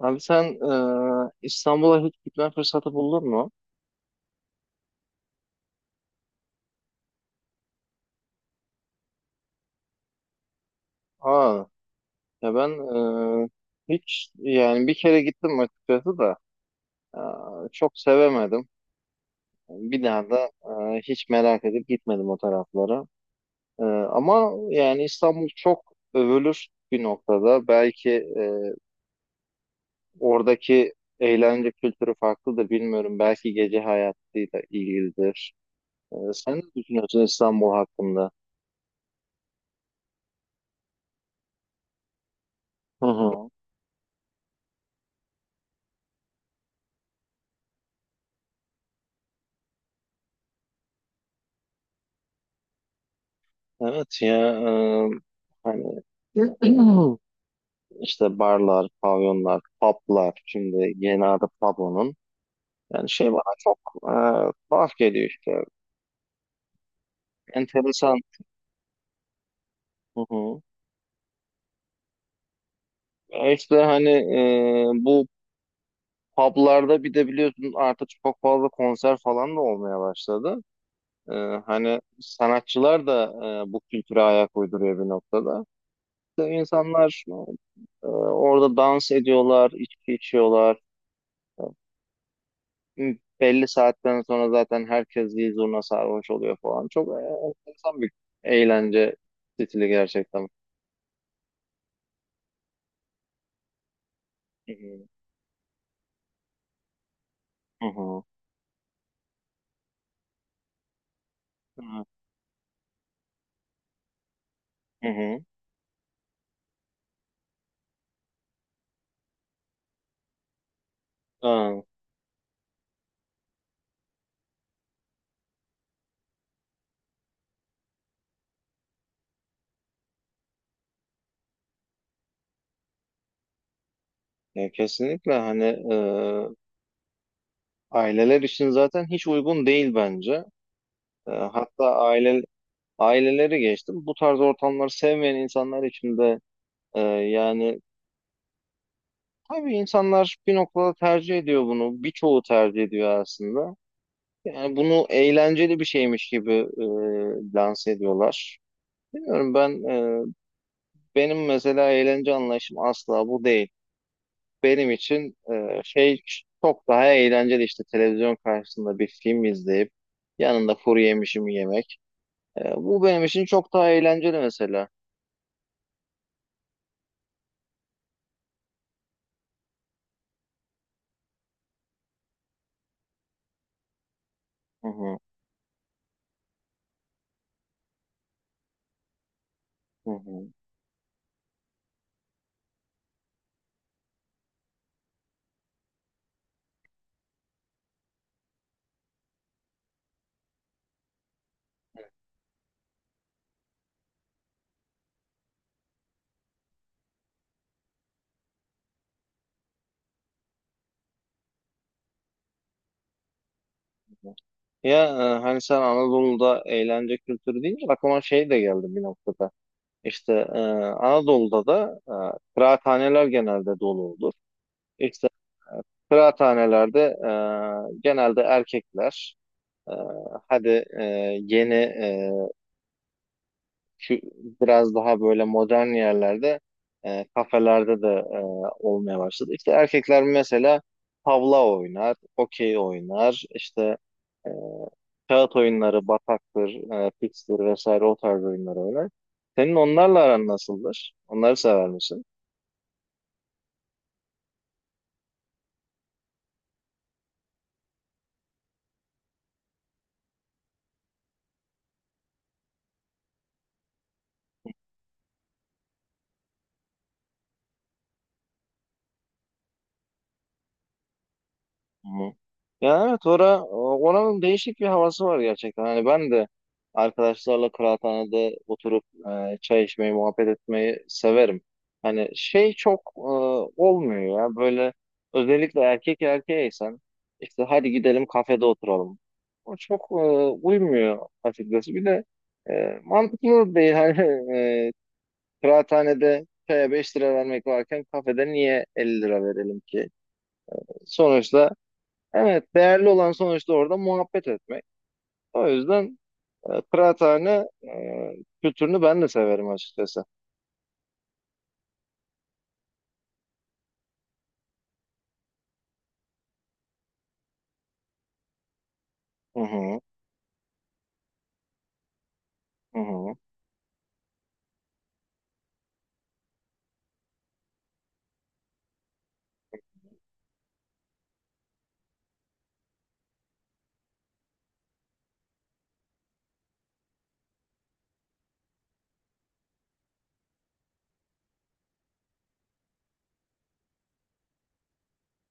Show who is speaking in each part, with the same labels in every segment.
Speaker 1: Abi sen İstanbul'a hiç gitme fırsatı buldun mu? Aa, ya ben e, hiç yani bir kere gittim açıkçası da e, çok sevemedim. Bir daha da hiç merak edip gitmedim o taraflara. Ama yani İstanbul çok övülür bir noktada. Belki e, oradaki eğlence kültürü farklıdır bilmiyorum. Belki gece hayatıyla ilgilidir. Sen ne düşünüyorsun İstanbul hakkında? Hı hı. Evet ya. Hani İşte barlar, pavyonlar, publar. Şimdi yeni adı pub. Yani şey bana çok tuhaf geliyor işte. Enteresan. Hı hı. İşte hani bu publarda bir de biliyorsun artık çok fazla konser falan da olmaya başladı. E, Hani sanatçılar da bu kültüre ayak uyduruyor bir noktada. İşte İnsanlar orada dans ediyorlar, içki içiyorlar. E, Belli saatten sonra zaten herkes bir zurna sarhoş oluyor falan. Çok enteresan bir eğlence stili gerçekten. Hı hı. Hı hı. Hı hı. Aa, ya kesinlikle hani aileler için zaten hiç uygun değil bence. Hatta aile aileleri geçtim. Bu tarz ortamları sevmeyen insanlar için de yani tabii insanlar bir noktada tercih ediyor bunu. Birçoğu tercih ediyor aslında. Yani bunu eğlenceli bir şeymiş gibi lanse ediyorlar. Bilmiyorum ben, benim mesela eğlence anlayışım asla bu değil. Benim için şey çok daha eğlenceli, işte televizyon karşısında bir film izleyip yanında kuru yemişimi yemek. Bu benim için çok daha eğlenceli mesela. Hı hı, hı hı. Ya, hani sen Anadolu'da eğlence kültürü deyince aklıma şey de geldi bir noktada. İşte Anadolu'da da kıraathaneler genelde dolu olur. İşte e, kıraathanelerde genelde erkekler, e, hadi e, yeni e, kü- biraz daha böyle modern yerlerde, kafelerde de olmaya başladı. İşte erkekler mesela tavla oynar, okey oynar, işte e, kağıt oyunları, bataktır, pikstir vesaire, o tarz oyunları oynar. Senin onlarla aran nasıldır? Onları sever misin? Hı hı. Ya, evet, oranın değişik bir havası var gerçekten. Hani ben de arkadaşlarla kıraathanede oturup çay içmeyi, muhabbet etmeyi severim. Hani şey çok olmuyor ya, böyle özellikle erkek erkeğeysen işte hadi gidelim kafede oturalım. O çok uymuyor açıkçası. Bir de e, mantıklı değil. Hani e, kıraathanede çaya 5 lira vermek varken kafede niye 50 lira verelim ki? Sonuçta Evet, değerli olan sonuçta orada muhabbet etmek. O yüzden kıraathane kültürünü ben de severim açıkçası. Hı hı, hı hı.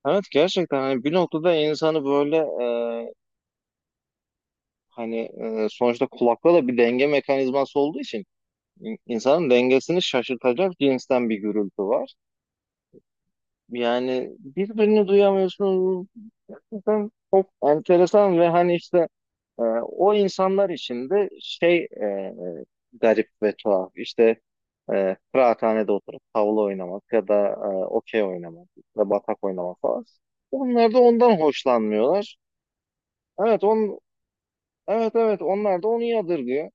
Speaker 1: Evet, gerçekten hani bir noktada insanı böyle, e, hani, sonuçta kulakla da bir denge mekanizması olduğu için insanın dengesini şaşırtacak cinsten bir gürültü var. Yani birbirini duyamıyorsunuz. Gerçekten çok enteresan ve hani işte o insanlar için de şey, garip ve tuhaf. İşte kıraathanede oturup tavla oynamak ya da okey oynamak ya da batak oynamak falan. Onlar da ondan hoşlanmıyorlar. Evet, evet, evet, onlar da onu yadırgıyor.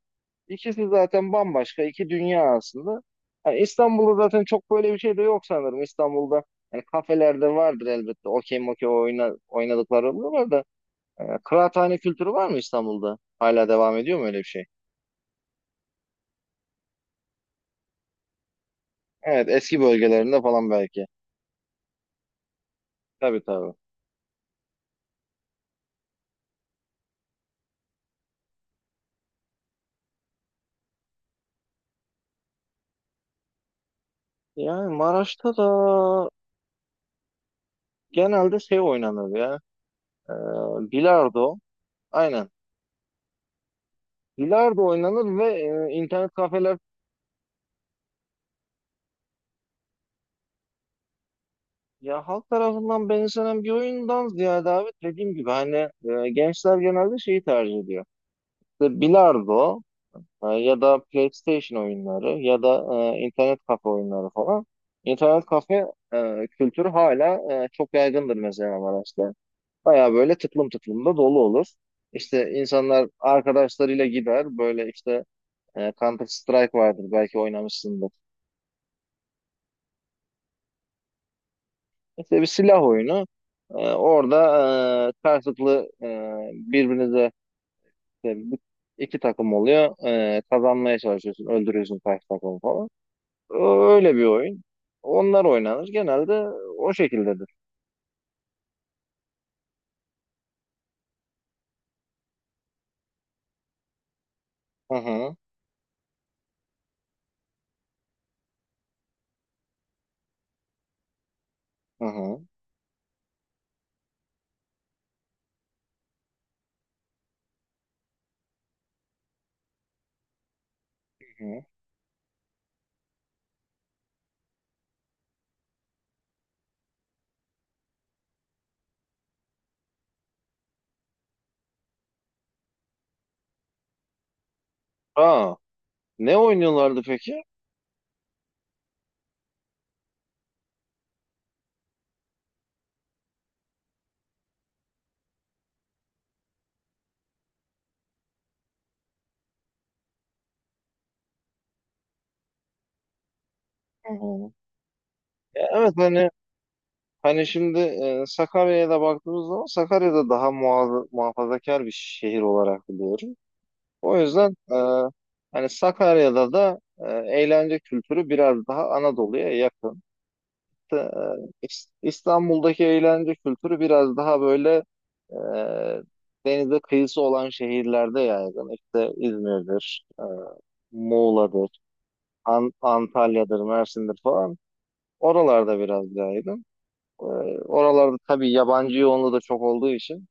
Speaker 1: İkisi zaten bambaşka iki dünya aslında. Yani İstanbul'da zaten çok böyle bir şey de yok sanırım. İstanbul'da yani kafelerde vardır elbette. Okey mokey oynadıkları oluyorlar da. Kıraathane kültürü var mı İstanbul'da? Hala devam ediyor mu öyle bir şey? Evet, eski bölgelerinde falan belki. Tabii, tabii. Yani Maraş'ta da genelde şey oynanır ya. e, Bilardo. Aynen. Bilardo oynanır ve internet kafeler. Ya, halk tarafından benimsenen bir oyundan ziyade abi dediğim gibi hani gençler genelde şeyi tercih ediyor. İşte bilardo, ya da PlayStation oyunları ya da internet kafe oyunları falan. İnternet kafe kültürü hala çok yaygındır mesela Maraş'ta. Baya böyle tıklım tıklım da dolu olur. İşte insanlar arkadaşlarıyla gider, böyle işte. Counter Strike vardır, belki oynamışsındır. İşte bir silah oyunu. Orada karşılıklı, birbirinize işte, iki takım oluyor. Kazanmaya çalışıyorsun. Öldürüyorsun karşı takımı falan. Ö- Öyle bir oyun. Onlar oynanır. Genelde o şekildedir. Hı hı. Hı hı. Hı hı. Aa, ne oynuyorlardı peki? Hı hı. Ya evet, hani şimdi Sakarya'ya da baktığımız zaman, Sakarya'da daha muhafazakar bir şehir olarak biliyorum. O yüzden hani Sakarya'da da eğlence kültürü biraz daha Anadolu'ya yakın. E, İstanbul'daki eğlence kültürü biraz daha böyle, e, denize kıyısı olan şehirlerde yaygın. İşte İzmir'dir, Muğla'dır, Antalya'dır, Mersin'dir falan. Oralarda biraz yaygın. E, Oralarda tabii yabancı yoğunluğu da çok olduğu için.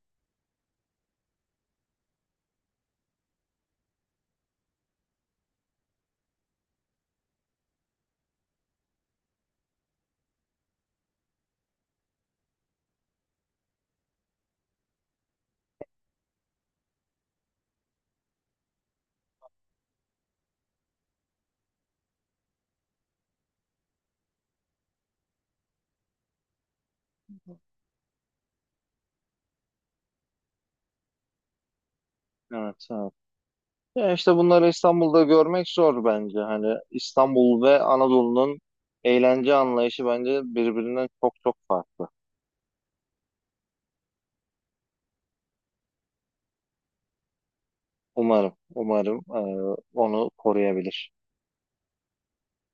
Speaker 1: Evet, ya işte bunları İstanbul'da görmek zor bence. Hani İstanbul ve Anadolu'nun eğlence anlayışı bence birbirinden çok çok farklı. Umarım, umarım onu koruyabilir.